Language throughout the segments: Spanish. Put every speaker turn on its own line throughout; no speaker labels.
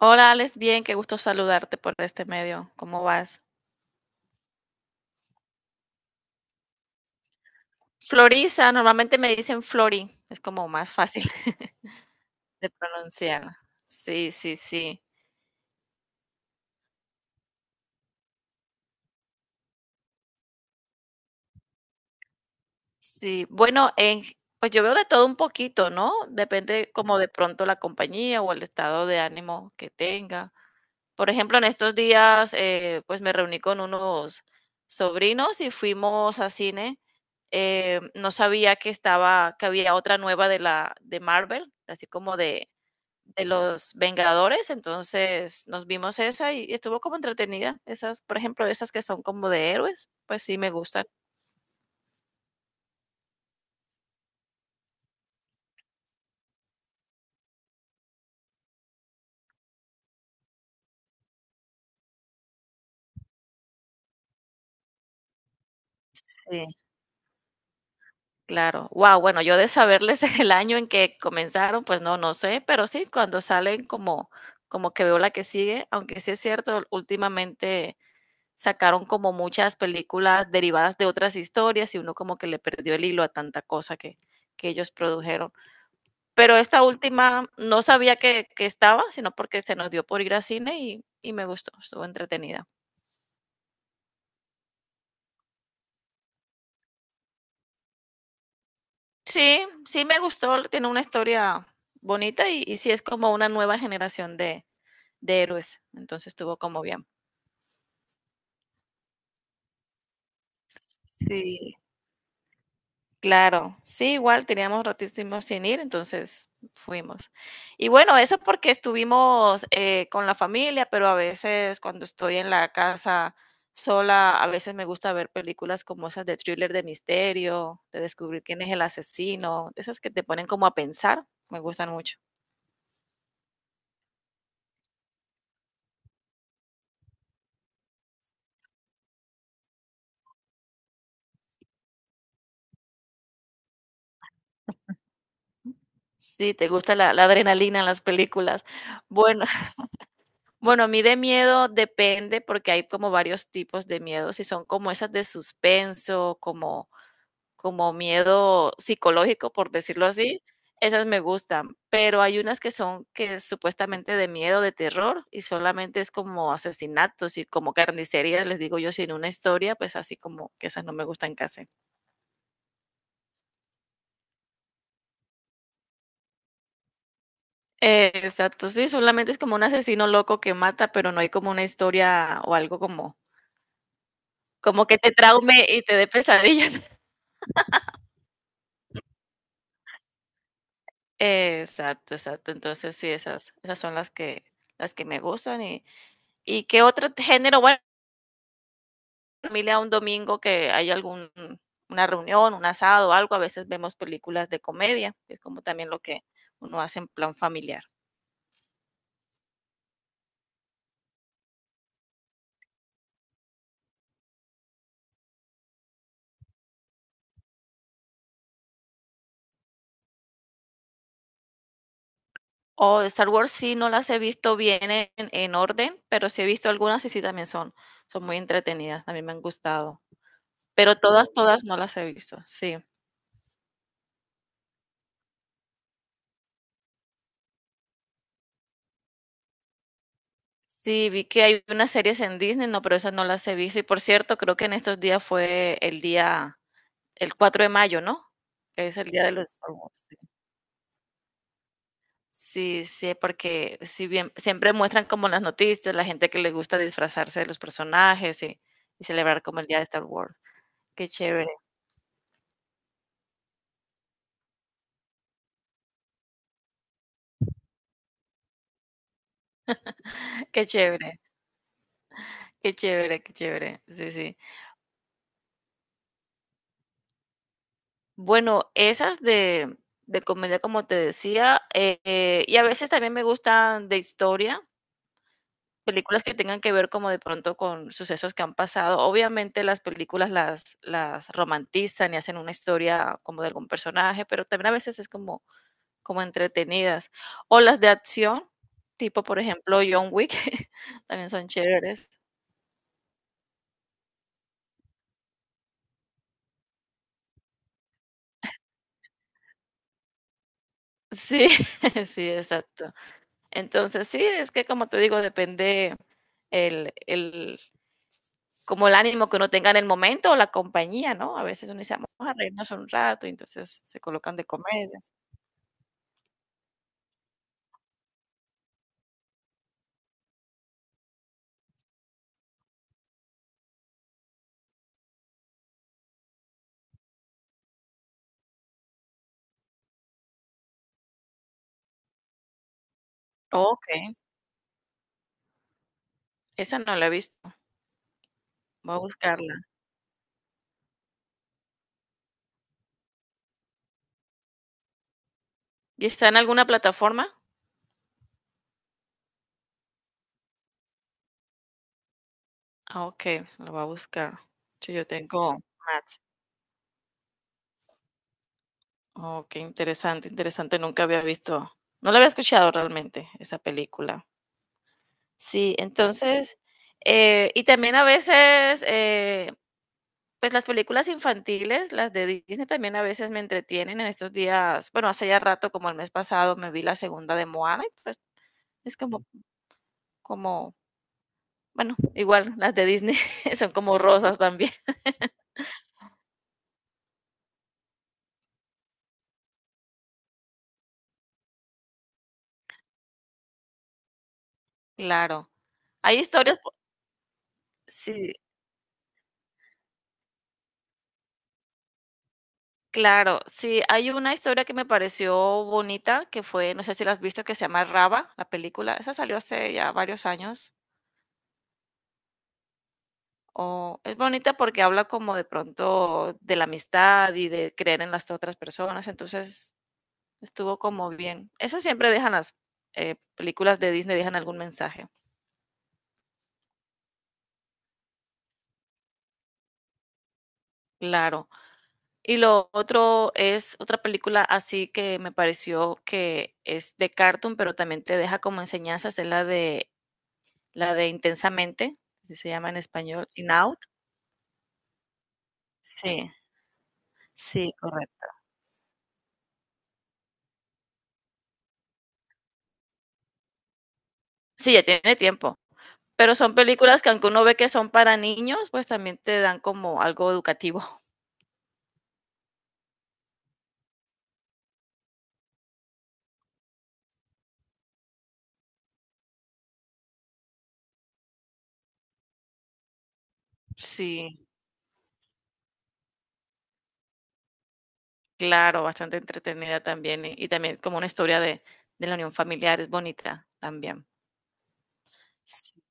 Hola, Alex, bien, qué gusto saludarte por este medio. ¿Cómo vas? Florisa, normalmente me dicen Flori, es como más fácil de pronunciar. Sí, sí, sí. Sí, bueno, pues yo veo de todo un poquito, ¿no? Depende como de pronto la compañía o el estado de ánimo que tenga. Por ejemplo, en estos días, pues me reuní con unos sobrinos y fuimos a cine. No sabía que estaba, que había otra nueva de la de Marvel, así como de los Vengadores, entonces nos vimos esa y estuvo como entretenida. Esas, por ejemplo, esas que son como de héroes, pues sí me gustan. Sí, claro. Wow, bueno, yo de saberles el año en que comenzaron, pues no, no sé, pero sí, cuando salen como, como que veo la que sigue, aunque sí es cierto, últimamente sacaron como muchas películas derivadas de otras historias y uno como que le perdió el hilo a tanta cosa que ellos produjeron. Pero esta última no sabía que estaba, sino porque se nos dio por ir al cine y me gustó, estuvo entretenida. Sí, sí me gustó, tiene una historia bonita y sí es como una nueva generación de héroes, entonces estuvo como bien. Sí. Claro, sí, igual teníamos ratísimo sin ir, entonces fuimos. Y bueno, eso porque estuvimos con la familia, pero a veces cuando estoy en la casa sola, a veces me gusta ver películas como esas de thriller de misterio, de descubrir quién es el asesino, de esas que te ponen como a pensar, me gustan mucho. Sí, te gusta la adrenalina en las películas. Bueno, bueno, a mí de miedo depende porque hay como varios tipos de miedo, si son como esas de suspenso, como miedo psicológico, por decirlo así, esas me gustan, pero hay unas que son que es supuestamente de miedo, de terror, y solamente es como asesinatos y como carnicerías, les digo yo, sin una historia, pues así como que esas no me gustan casi. Exacto, sí, solamente es como un asesino loco que mata, pero no hay como una historia o algo como que te traume y te dé pesadillas. Exacto, exacto. Entonces sí, esas son las que me gustan ¿y qué otro género? Bueno familia un domingo que hay algún una reunión, un asado, algo, a veces vemos películas de comedia, es como también lo que uno hace en plan familiar. O de Star Wars sí no las he visto bien en orden, pero sí he visto algunas y sí también son, son muy entretenidas, también me han gustado. Pero todas, todas no las he visto, sí. Sí, vi que hay unas series en Disney, no, pero esas no las he visto. Y por cierto, creo que en estos días fue el día. El 4 de mayo, ¿no? Que es el día de los Star Wars, sí. Sí, sí, porque si bien siempre muestran como en las noticias, la gente que le gusta disfrazarse de los personajes y celebrar como el día de Star Wars. Qué chévere, qué chévere, qué chévere, qué chévere. Sí, sí. Bueno, esas de comedia, como te decía, y a veces también me gustan de historia. Películas que tengan que ver como de pronto con sucesos que han pasado. Obviamente las películas las romantizan y hacen una historia como de algún personaje, pero también a veces es como entretenidas. O las de acción, tipo, por ejemplo, John Wick, también son chéveres. Sí, sí, exacto. Entonces, sí, es que como te digo, depende el como el ánimo que uno tenga en el momento o la compañía, ¿no? A veces uno dice: "Vamos a reírnos un rato", y entonces se colocan de comedias. Okey. Esa no la he visto, voy a buscarla. ¿Y está en alguna plataforma? Ah, okey, la voy a buscar. Sí, yo tengo Max. Oh, qué interesante, interesante, nunca había visto, no la había escuchado realmente, esa película. Sí, entonces, y también a veces, pues, las películas infantiles, las de Disney también a veces me entretienen. En estos días, bueno, hace ya rato, como el mes pasado, me vi la segunda de Moana y, pues, es como como, bueno, igual las de Disney son como rosas también. Claro. Hay historias po sí, claro. Sí, hay una historia que me pareció bonita, que fue, no sé si la has visto, que se llama Raba, la película. Esa salió hace ya varios años. O es bonita porque habla como de pronto de la amistad y de creer en las otras personas, entonces estuvo como bien. Eso siempre dejan películas de Disney, dejan algún mensaje. Claro. Y lo otro es otra película así que me pareció que es de cartoon, pero también te deja como enseñanzas, es la de Intensamente, así se llama en español, In Out. Sí, sí, correcto. Sí, ya tiene tiempo, pero son películas que aunque uno ve que son para niños, pues también te dan como algo educativo. Sí, claro, bastante entretenida también, y también es como una historia de la unión familiar, es bonita también. Sí,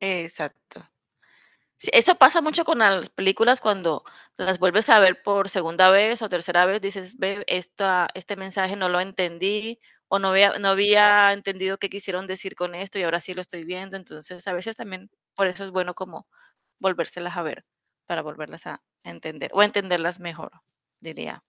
exacto. Sí, eso pasa mucho con las películas cuando las vuelves a ver por segunda vez o tercera vez, dices, ve, esta, este mensaje no lo entendí o no había entendido qué quisieron decir con esto y ahora sí lo estoy viendo. Entonces, a veces también por eso es bueno como volvérselas a ver para volverlas a entender o entenderlas mejor, diría.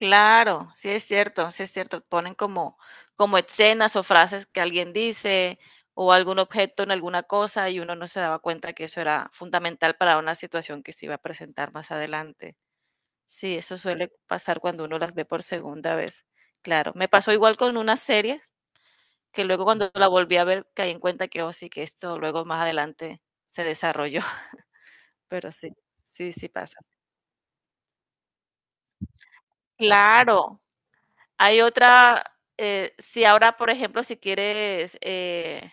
Claro, sí es cierto, sí es cierto. Ponen como, como escenas o frases que alguien dice o algún objeto en alguna cosa y uno no se daba cuenta que eso era fundamental para una situación que se iba a presentar más adelante. Sí, eso suele pasar cuando uno las ve por segunda vez. Claro, me pasó igual con unas series que luego cuando la volví a ver caí en cuenta que, oh, sí, que esto luego más adelante se desarrolló, pero sí, sí, sí pasa. Claro, hay otra, si ahora, por ejemplo, si quieres,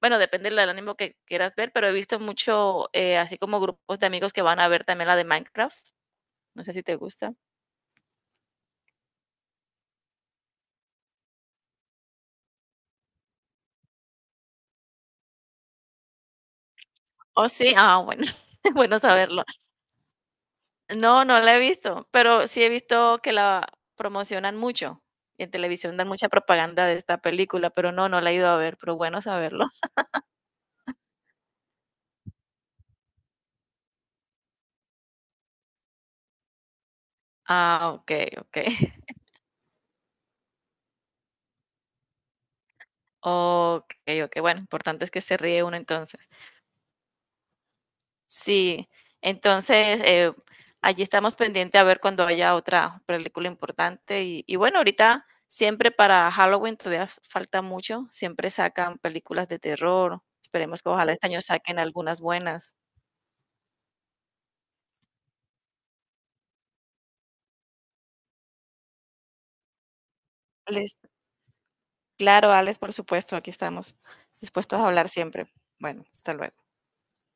bueno, depende del ánimo que quieras ver, pero he visto mucho, así como grupos de amigos que van a ver también la de Minecraft. No sé si te gusta. Oh, sí, ah, bueno, bueno saberlo. No, no la he visto, pero sí he visto que la promocionan mucho. Y en televisión dan mucha propaganda de esta película, pero no, no la he ido a ver, pero bueno saberlo. Ah, ok, ok. Okey, okey. Bueno, importante es que se ríe uno entonces. Sí, entonces, allí estamos pendiente a ver cuando haya otra película importante y bueno, ahorita siempre para Halloween todavía falta mucho, siempre sacan películas de terror. Esperemos que ojalá este año saquen algunas buenas. Lis claro, Alex, por supuesto, aquí estamos dispuestos a hablar siempre. Bueno, hasta luego.